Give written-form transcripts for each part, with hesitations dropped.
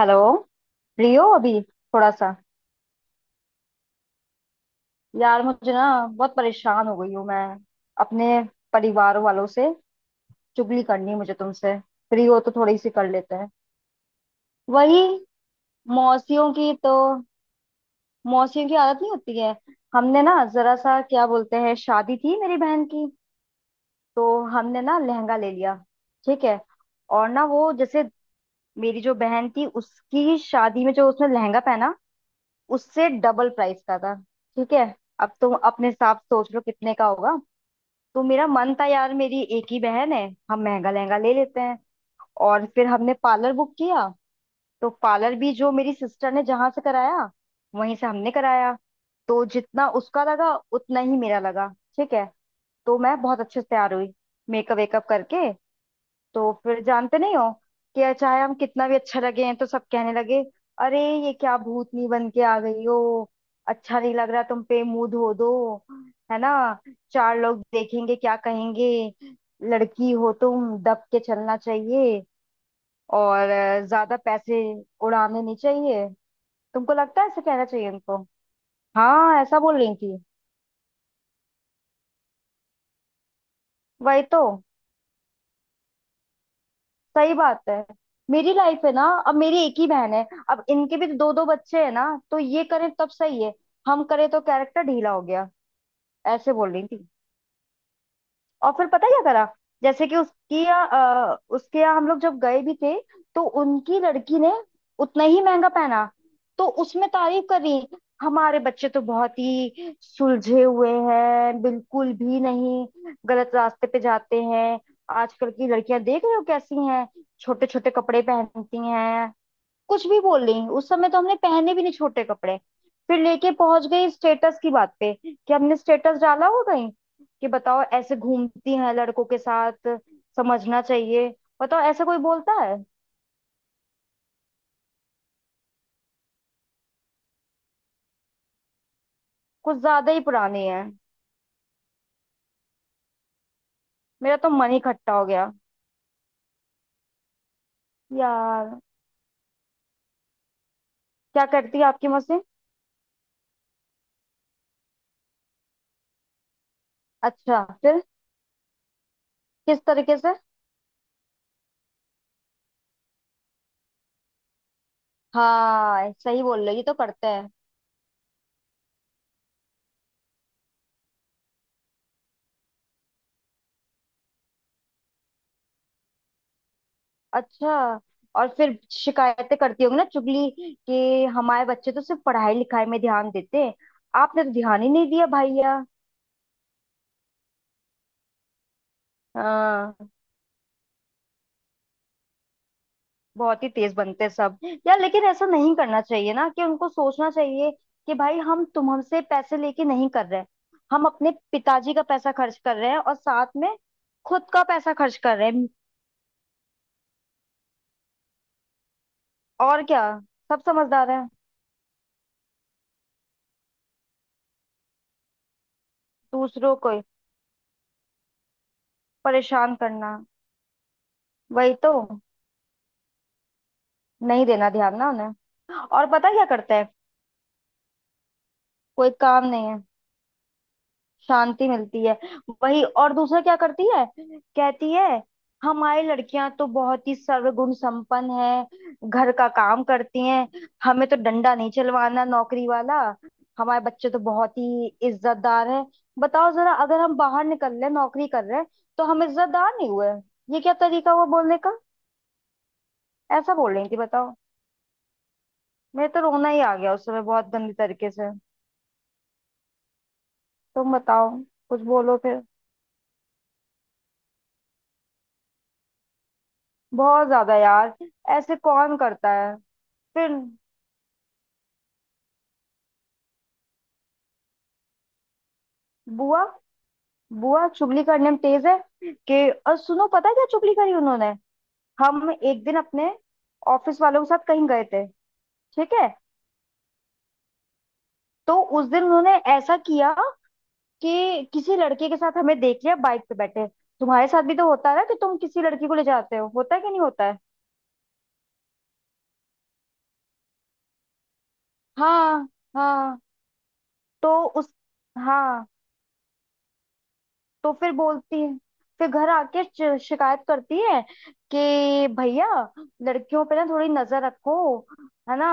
Hello. Free हो अभी थोड़ा सा? यार मुझे ना बहुत परेशान हो गई हूँ मैं। अपने परिवार वालों से चुगली करनी है मुझे तुमसे। फ्री हो तो थोड़ी सी कर लेते हैं। वही मौसियों की तो, मौसियों की आदत नहीं होती है। हमने ना जरा सा, क्या बोलते हैं, शादी थी मेरी बहन की। तो हमने ना लहंगा ले लिया, ठीक है। और ना वो जैसे, मेरी जो बहन थी उसकी शादी में जो उसने लहंगा पहना, उससे डबल प्राइस का था। ठीक है, अब तुम अपने हिसाब से सोच लो कितने का होगा। तो मेरा मन था यार, मेरी एक ही बहन है, हम महंगा लहंगा ले लेते हैं। और फिर हमने पार्लर बुक किया। तो पार्लर भी जो मेरी सिस्टर ने जहां से कराया वहीं से हमने कराया। तो जितना उसका लगा उतना ही मेरा लगा, ठीक है। तो मैं बहुत अच्छे से तैयार हुई, मेकअप वेकअप करके। तो फिर जानते नहीं हो कि चाहे हम कितना भी अच्छा लगे हैं, तो सब कहने लगे, अरे ये क्या भूतनी बन के आ गई हो, अच्छा नहीं लग रहा तुम पे, मुंह धो दो, है ना। चार लोग देखेंगे क्या कहेंगे, लड़की हो तुम, दब के चलना चाहिए। और ज्यादा पैसे उड़ाने नहीं चाहिए। तुमको लगता है ऐसे कहना चाहिए उनको? हाँ, ऐसा बोल रही थी। वही तो, सही बात है। मेरी लाइफ है ना, अब मेरी एक ही बहन है। अब इनके भी दो दो बच्चे हैं ना, तो ये करें तब सही है, हम करें तो कैरेक्टर ढीला हो गया। ऐसे बोल रही थी। और फिर पता है क्या करा? जैसे कि उसकी यहाँ, उसके यहाँ हम लोग जब गए भी थे, तो उनकी लड़की ने उतना ही महंगा पहना, तो उसमें तारीफ कर रही। हमारे बच्चे तो बहुत ही सुलझे हुए हैं, बिल्कुल भी नहीं गलत रास्ते पे जाते हैं। आजकल की लड़कियां देख रहे हो कैसी हैं, छोटे छोटे कपड़े पहनती हैं। कुछ भी बोल रही। उस समय तो हमने पहने भी नहीं छोटे कपड़े। फिर लेके पहुंच गई स्टेटस की बात पे, कि हमने स्टेटस डाला हो कहीं, कि बताओ ऐसे घूमती हैं लड़कों के साथ। समझना चाहिए। बताओ ऐसा कोई बोलता है? कुछ ज्यादा ही पुरानी है। मेरा तो मन ही खट्टा हो गया यार। क्या करती है आपकी मशीन? अच्छा फिर किस तरीके से? हाँ, सही बोल रहे हो, ये तो करते हैं। अच्छा, और फिर शिकायतें करती होंगी ना, चुगली कि हमारे बच्चे तो सिर्फ पढ़ाई लिखाई में ध्यान देते हैं, आपने तो ध्यान ही नहीं दिया भैया। हाँ, बहुत ही तेज बनते हैं सब। यार लेकिन ऐसा नहीं करना चाहिए ना, कि उनको सोचना चाहिए कि भाई हम तुम हमसे पैसे लेके नहीं कर रहे, हम अपने पिताजी का पैसा खर्च कर रहे हैं और साथ में खुद का पैसा खर्च कर रहे हैं। और क्या, सब समझदार हैं। दूसरों को परेशान करना, वही तो। नहीं देना ध्यान ना उन्हें। और पता है क्या करते हैं? कोई काम नहीं है, शांति मिलती है। वही, और दूसरा क्या करती है, कहती है हमारी लड़कियां तो बहुत ही सर्वगुण संपन्न है, घर का काम करती हैं, हमें तो डंडा नहीं चलवाना नौकरी वाला, हमारे बच्चे तो बहुत ही इज्जतदार है। बताओ जरा, अगर हम बाहर निकल रहे हैं नौकरी कर रहे हैं तो हम इज्जतदार नहीं हुए? ये क्या तरीका हुआ बोलने का? ऐसा बोल रही थी, बताओ। मेरे तो रोना ही आ गया उस समय, बहुत गंदी तरीके से। तुम बताओ, कुछ बोलो फिर। बहुत ज्यादा यार। ऐसे कौन करता है? फिर बुआ, बुआ चुगली करने में तेज है कि। और सुनो, पता है क्या चुगली करी उन्होंने। हम एक दिन अपने ऑफिस वालों के साथ कहीं गए थे, ठीक है। तो उस दिन उन्होंने ऐसा किया कि किसी लड़के के साथ हमें देख लिया बाइक पे बैठे। तुम्हारे साथ भी तो होता है ना, कि तुम किसी लड़की को ले जाते हो, होता है कि नहीं होता है? हाँ, हाँ। तो उस, हाँ, तो फिर बोलती है। फिर घर आके शिकायत करती है कि भैया, लड़कियों पे ना थोड़ी नजर रखो, है ना,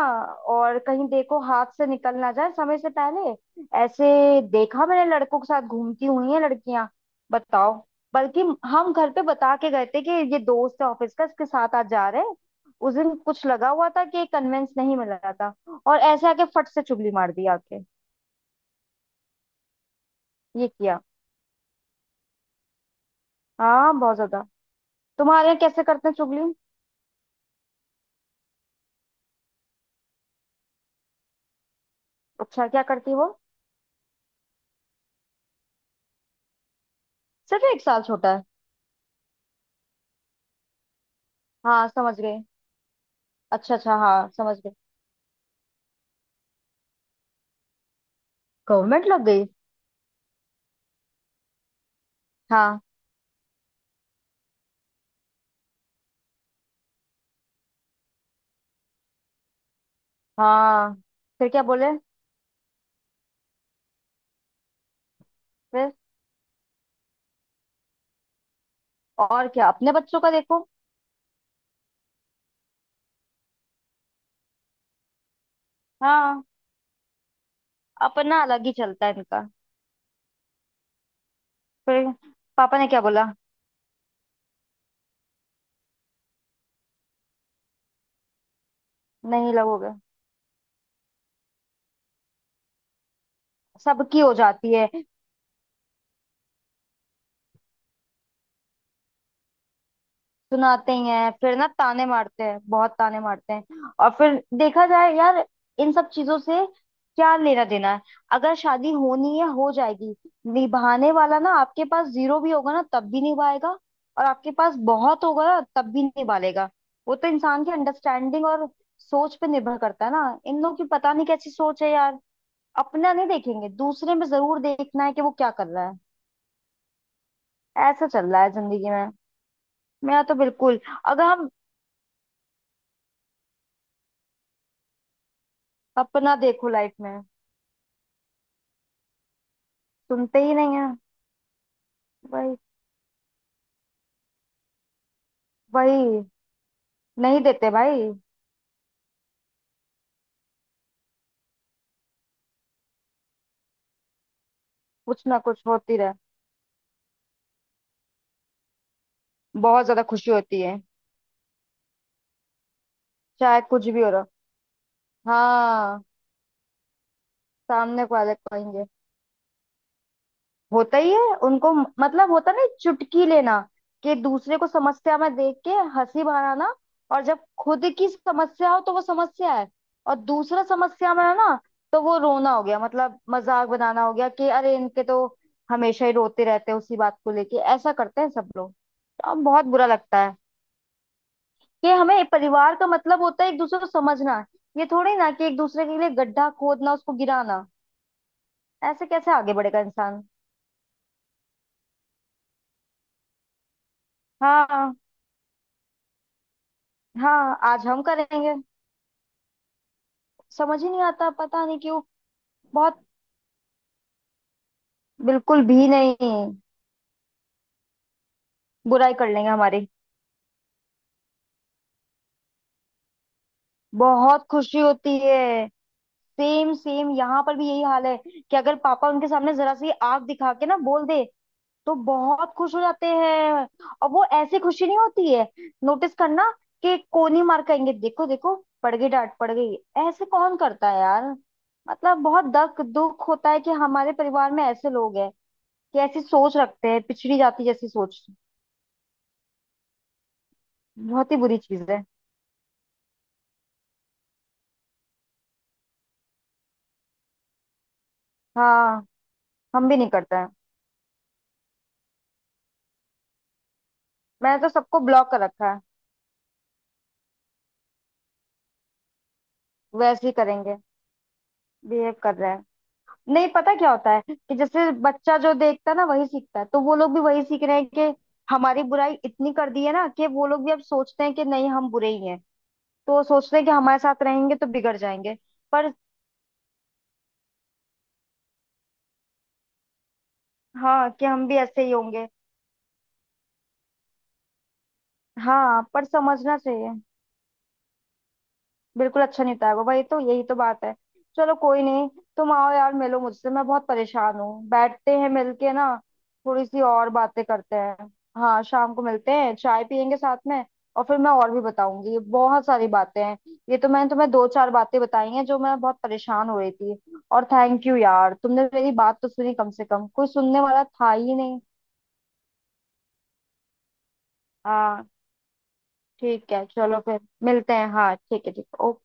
और कहीं देखो हाथ से निकल ना जाए समय से पहले। ऐसे। देखा मैंने लड़कों के साथ घूमती हुई है लड़कियां, बताओ। बल्कि हम घर पे बता के गए थे कि ये दोस्त है ऑफिस का, इसके साथ आज जा रहे हैं, उस दिन कुछ लगा हुआ था कि कन्वेंस नहीं मिला था। और ऐसे आके फट से चुगली मार दी आके। ये किया। हाँ, बहुत ज्यादा। तुम्हारे यहाँ कैसे करते हैं चुगली? अच्छा, क्या करती वो? सिर्फ एक साल छोटा है? हाँ समझ गई, अच्छा अच्छा हाँ समझ गई। गवर्नमेंट लग गई। हाँ। हाँ, फिर क्या बोले फिर? और क्या, अपने बच्चों का देखो। हाँ, अपना अलग ही चलता है इनका। फिर पापा ने क्या बोला? नहीं लगोगे? सबकी हो जाती है। सुनाते ही हैं फिर ना, ताने मारते हैं, बहुत ताने मारते हैं। और फिर देखा जाए यार, इन सब चीजों से क्या लेना देना है? अगर शादी होनी है हो जाएगी। निभाने वाला ना, आपके पास जीरो भी होगा ना तब भी निभाएगा, और आपके पास बहुत होगा ना तब भी निभा लेगा। वो तो इंसान की अंडरस्टैंडिंग और सोच पे निर्भर करता है ना। इन लोगों की पता नहीं कैसी सोच है यार, अपना नहीं देखेंगे दूसरे में जरूर देखना है कि वो क्या कर रहा है। ऐसा चल रहा है जिंदगी में। मेरा तो बिल्कुल। अगर हम अपना देखो लाइफ में, सुनते ही नहीं है। भाई, भाई, नहीं देते भाई। कुछ ना कुछ होती रहे, बहुत ज्यादा खुशी होती है। चाहे कुछ भी हो रहा। हाँ, सामने को वाले कहेंगे, होता ही है उनको, मतलब होता नहीं, चुटकी लेना कि दूसरे को समस्या में देख के हंसी बनाना। और जब खुद की समस्या हो तो वो समस्या है, और दूसरा समस्या में है ना तो वो रोना हो गया, मतलब मजाक बनाना हो गया कि अरे इनके तो हमेशा ही रोते रहते हैं उसी बात को लेके। ऐसा करते हैं सब लोग, तो अब बहुत बुरा लगता है कि हमें, परिवार का मतलब होता है एक दूसरे को समझना, ये थोड़ी ना कि एक दूसरे के लिए गड्ढा खोदना, उसको गिराना। ऐसे कैसे आगे बढ़ेगा इंसान? हाँ। हाँ, आज हम करेंगे। समझ ही नहीं आता पता नहीं क्यों। बहुत। बिल्कुल भी नहीं। बुराई कर लेंगे हमारी। बहुत खुशी होती है। सेम सेम, यहाँ पर भी यही हाल है कि अगर पापा उनके सामने जरा सी आग दिखा के ना बोल दे, तो बहुत खुश हो जाते हैं। और वो ऐसी खुशी नहीं होती है, नोटिस करना, कि कोनी मार कहेंगे, देखो देखो पड़ गई डांट, पड़ गई। ऐसे कौन करता है यार? मतलब बहुत दख, दुख होता है कि हमारे परिवार में ऐसे लोग हैं कि ऐसी सोच रखते हैं, पिछड़ी जाति जैसी सोच। बहुत ही बुरी चीज है। हाँ, हम भी नहीं करते हैं। मैंने तो सबको ब्लॉक कर रखा है। वैसे ही करेंगे, बिहेव कर रहे हैं। नहीं पता क्या होता है कि जैसे बच्चा जो देखता है ना वही सीखता है, तो वो लोग भी वही सीख रहे हैं कि, हमारी बुराई इतनी कर दी है ना कि वो लोग भी अब सोचते हैं कि नहीं, हम बुरे ही हैं। तो वो सोचते हैं कि हमारे साथ रहेंगे तो बिगड़ जाएंगे। पर, हाँ, कि हम भी ऐसे ही होंगे। हाँ पर समझना चाहिए। बिल्कुल अच्छा नहीं होता है वो, वही तो, यही तो बात है। चलो कोई नहीं, तुम आओ यार, मिलो मुझसे, मैं बहुत परेशान हूँ, बैठते हैं मिलके ना, थोड़ी सी और बातें करते हैं। हाँ, शाम को मिलते हैं, चाय पियेंगे साथ में। और फिर मैं और भी बताऊंगी, ये बहुत सारी बातें हैं। ये तो मैंने तुम्हें दो चार बातें बताई हैं, जो मैं बहुत परेशान हो रही थी। और थैंक यू यार, तुमने मेरी बात तो सुनी, कम से कम, कोई सुनने वाला था ही नहीं। हाँ ठीक है, चलो फिर मिलते हैं, हाँ ठीक है, ठीक है, ओके।